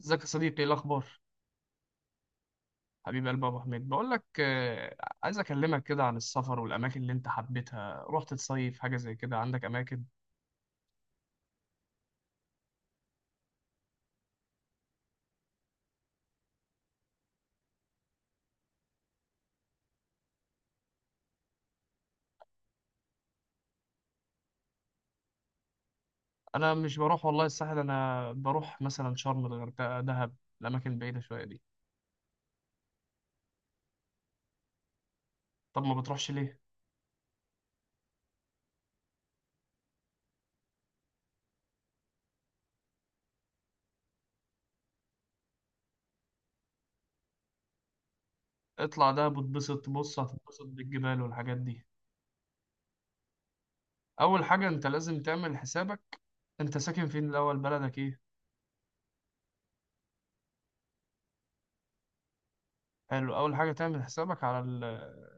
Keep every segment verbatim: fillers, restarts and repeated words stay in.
ازيك يا صديقي، ايه الاخبار؟ حبيب قلبي ابو حميد، بقول لك آه، عايز اكلمك كده عن السفر والاماكن اللي انت حبيتها. رحت تصيف حاجه زي كده؟ عندك اماكن؟ انا مش بروح والله الساحل، انا بروح مثلا شرم، الغردقه، دهب، الاماكن البعيده شويه دي. طب ما بتروحش ليه؟ اطلع دهب وتبسط. بص هتتبسط بالجبال والحاجات دي. اول حاجه انت لازم تعمل حسابك. انت ساكن فين الاول؟ بلدك ايه؟ حلو، اول حاجه تعمل حسابك على ال-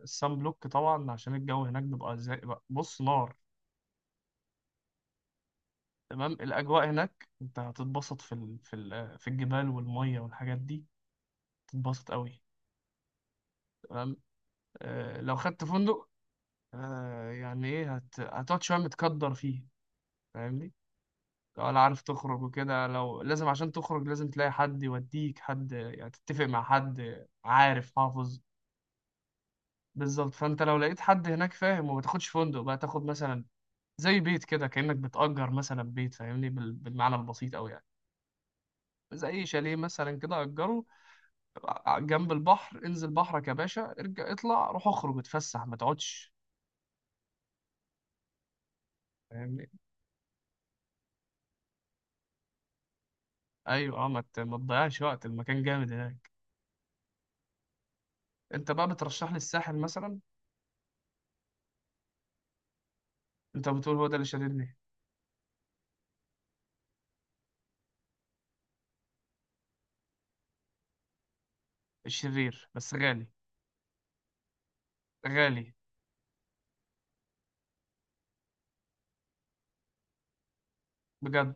السان بلوك طبعا، عشان الجو هناك بيبقى زي، بص، نار. تمام. الأجواء هناك أنت هتتبسط في ال... في ال... في الجبال والمية والحاجات دي، تتبسط قوي. تمام. آه لو خدت فندق، آه يعني إيه، هت... هتقعد شوية متقدر فيه، فاهمني؟ ولا عارف تخرج وكده؟ لو لازم عشان تخرج لازم تلاقي حد يوديك، حد يعني تتفق مع حد عارف حافظ. بالظبط. فأنت لو لقيت حد هناك فاهم، وما تاخدش فندق بقى، تاخد مثلا زي بيت كده، كأنك بتأجر مثلا بيت، فاهمني، بال... بالمعنى البسيط أوي يعني. زي شاليه مثلا كده أجره جنب البحر. انزل بحرك يا باشا، ارجع اطلع، روح اخرج اتفسح، ما تقعدش، فاهمني؟ ايوه، اه، ما ت- ما تضيعش وقت. المكان جامد هناك. انت بقى بترشح لي الساحل مثلا؟ انت بتقول هو ده اللي شددني. الشرير بس غالي، غالي بجد.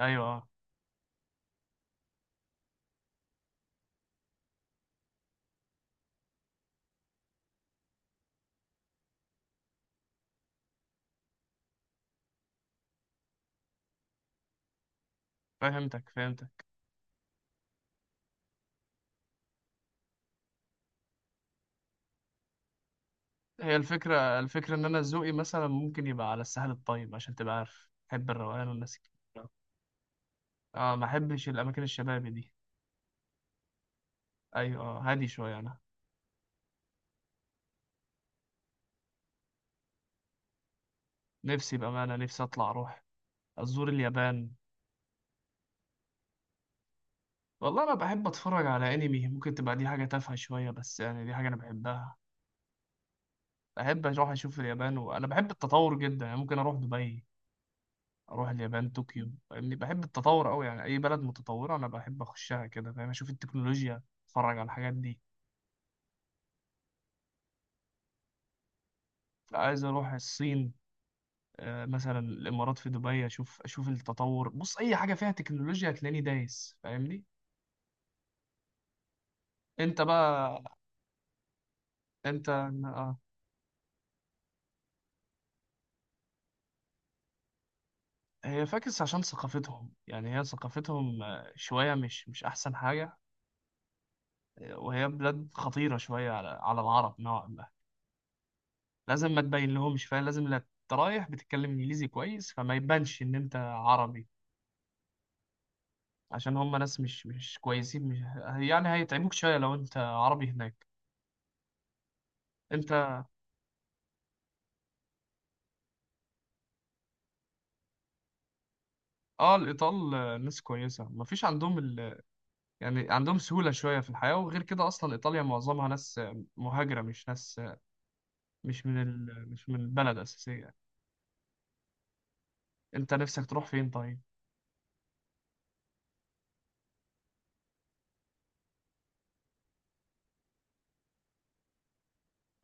ايوه، اه. فهمتك فهمتك هي الفكره، الفكره ان انا ذوقي مثلا ممكن يبقى على الساحل الطيب، عشان تبقى عارف بحب الروقان والناس الكتير. اه، ما احبش الاماكن الشبابي دي. ايوه، آه، هادي شويه انا. نفسي بامانه، نفسي اطلع اروح ازور اليابان. والله انا بحب اتفرج على انمي، ممكن تبقى دي حاجه تافهه شويه، بس يعني دي حاجه انا بحبها. بحب اروح اشوف اليابان، وانا بحب التطور جدا. يعني ممكن اروح دبي، اروح اليابان، طوكيو، فاهمني؟ بحب التطور قوي، يعني اي بلد متطوره انا بحب اخشها كده، فاهم؟ اشوف التكنولوجيا، اتفرج على الحاجات دي. عايز اروح الصين، آه، مثلا الامارات، في دبي، اشوف اشوف التطور. بص اي حاجه فيها تكنولوجيا هتلاقيني دايس، فاهمني؟ انت بقى انت، آه. هي فاكس عشان ثقافتهم، يعني هي ثقافتهم آه، شوية مش مش أحسن حاجة. آه، وهي بلاد خطيرة شوية على على العرب نوعا ما. لازم ما تبين لهمش، فاهم؟ لازم لا، أنت رايح بتتكلم إنجليزي كويس فما يبانش إن أنت عربي. عشان هم ناس مش مش كويسين، مش يعني هيتعبوك شوية لو أنت عربي هناك. أنت آه الإيطال، آه، ناس كويسة مفيش عندهم ال... يعني عندهم سهولة شوية في الحياة. وغير كده أصلا إيطاليا معظمها ناس آه، مهاجرة، مش ناس آه، مش من ال... مش من البلد أساسية. انت نفسك تروح فين طيب؟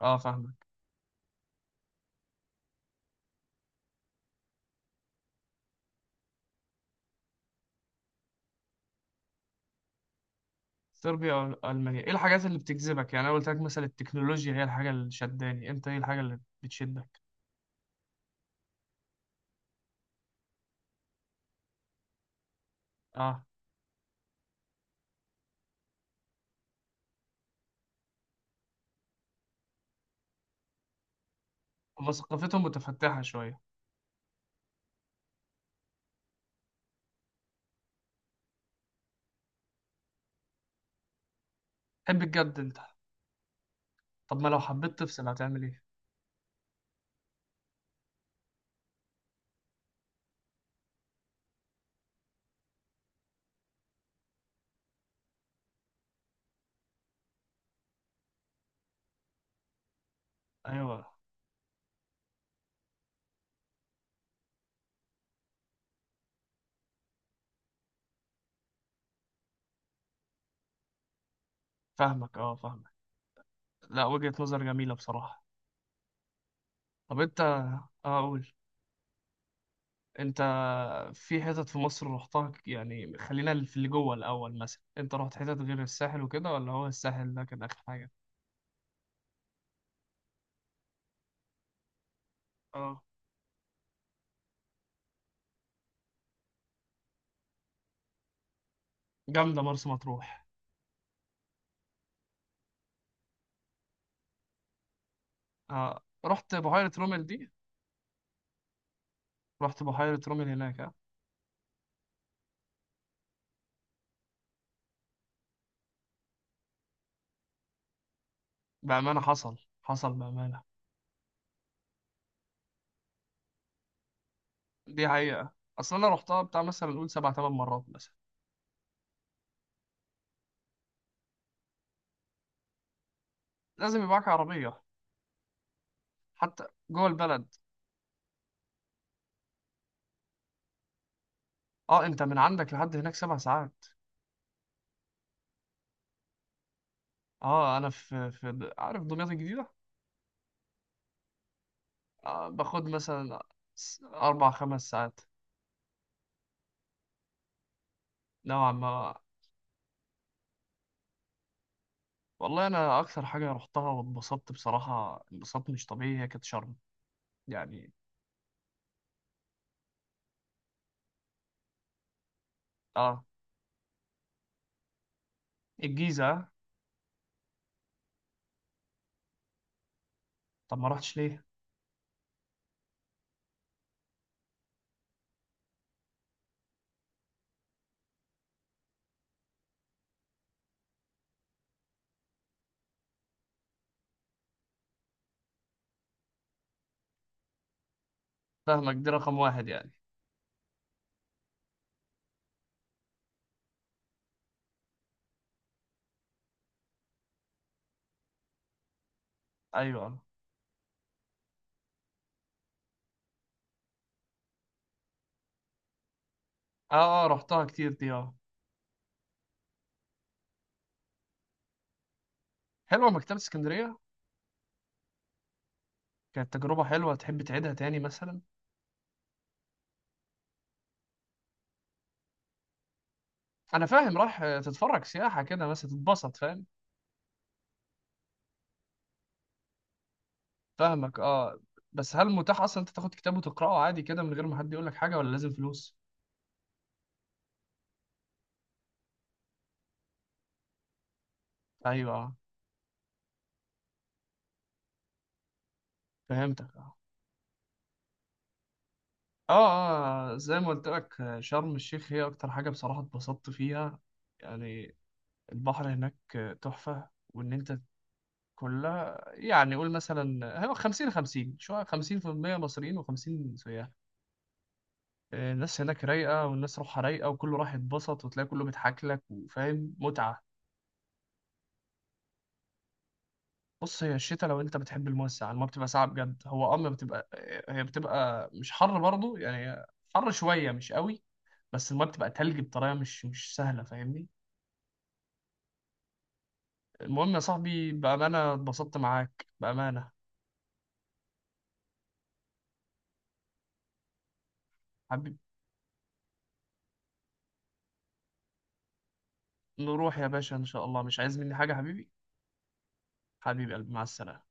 اه، فاهمك. صربيا او المانيا، ايه الحاجات اللي بتجذبك؟ يعني انا قلت لك مثلا التكنولوجيا هي الحاجه اللي شداني، انت ايه الحاجه اللي بتشدك؟ اه. هما ثقافتهم متفتحه شويه. تحب الجد انت؟ طب ما لو حبيت تفصل هتعمل ايه؟ ايوه، فاهمك، اه فاهمك. لا، وجهه نظر جميله بصراحه. طب انت، اه قول. انت في حتت في مصر رحتها؟ يعني خلينا في اللي جوه الاول. مثلا انت رحت حتت غير الساحل وكده، ولا هو الساحل ده كان اخر حاجه؟ اه، جامده مرسى مطروح. آه رحت بحيرة رومل دي؟ رحت بحيرة رومل هناك، آه. بأمانة، حصل حصل بأمانة. دي حقيقة. أصل أنا رحتها بتاع مثلا نقول سبع تمن مرات مثلا. لازم يبقى معاك عربية حتى جوه البلد. أه أنت من عندك لحد هناك سبع ساعات؟ أه، أنا في في عارف دمياط الجديدة. آه باخد مثلا س- أربع خمس ساعات. نوعا ما. والله أنا أكثر حاجة رحتها واتبسطت بصراحة، انبساط مش طبيعي، هي كانت شرم يعني. أه، الجيزة. طب ما رحتش ليه؟ فاهمك، دي رقم واحد يعني. ايوه، اه اه رحتها كتير دي، اه. حلوه مكتبه اسكندريه. كانت تجربه حلوه، تحب تعيدها تاني مثلا؟ انا فاهم، راح تتفرج سياحه كده مثلا، تتبسط، فاهم. فاهمك، اه. بس هل متاح اصلا انت تاخد كتاب وتقراه عادي كده، من غير ما حد يقول لك حاجه؟ ولا لازم فلوس؟ ايوه، اه. فهمتك، اه. اه اه زي ما قلت لك، آه، شرم الشيخ هي اكتر حاجه بصراحه اتبسطت فيها يعني. البحر هناك آه، تحفه. وان انت كلها يعني، قول مثلا هيبقى خمسين خمسين شوية، خمسين في المية مصريين و50 سياح. آه، الناس هناك رايقة، والناس روحها رايقة، وكله راح يتبسط، وتلاقي كله بيضحك لك، وفاهم متعة. بص هي الشتاء، لو انت بتحب المياه الساقعة، المياه بتبقى ساقعة بجد. هو اه، ما بتبقى، هي بتبقى مش حر برضه يعني، حر شوية مش قوي، بس المياه بتبقى تلج بطريقة مش مش سهلة، فاهمني؟ المهم يا صاحبي، بأمانة اتبسطت معاك، بأمانة. حبيبي، نروح يا باشا إن شاء الله. مش عايز مني حاجة حبيبي؟ حبيبي قلبي، مع السلامة.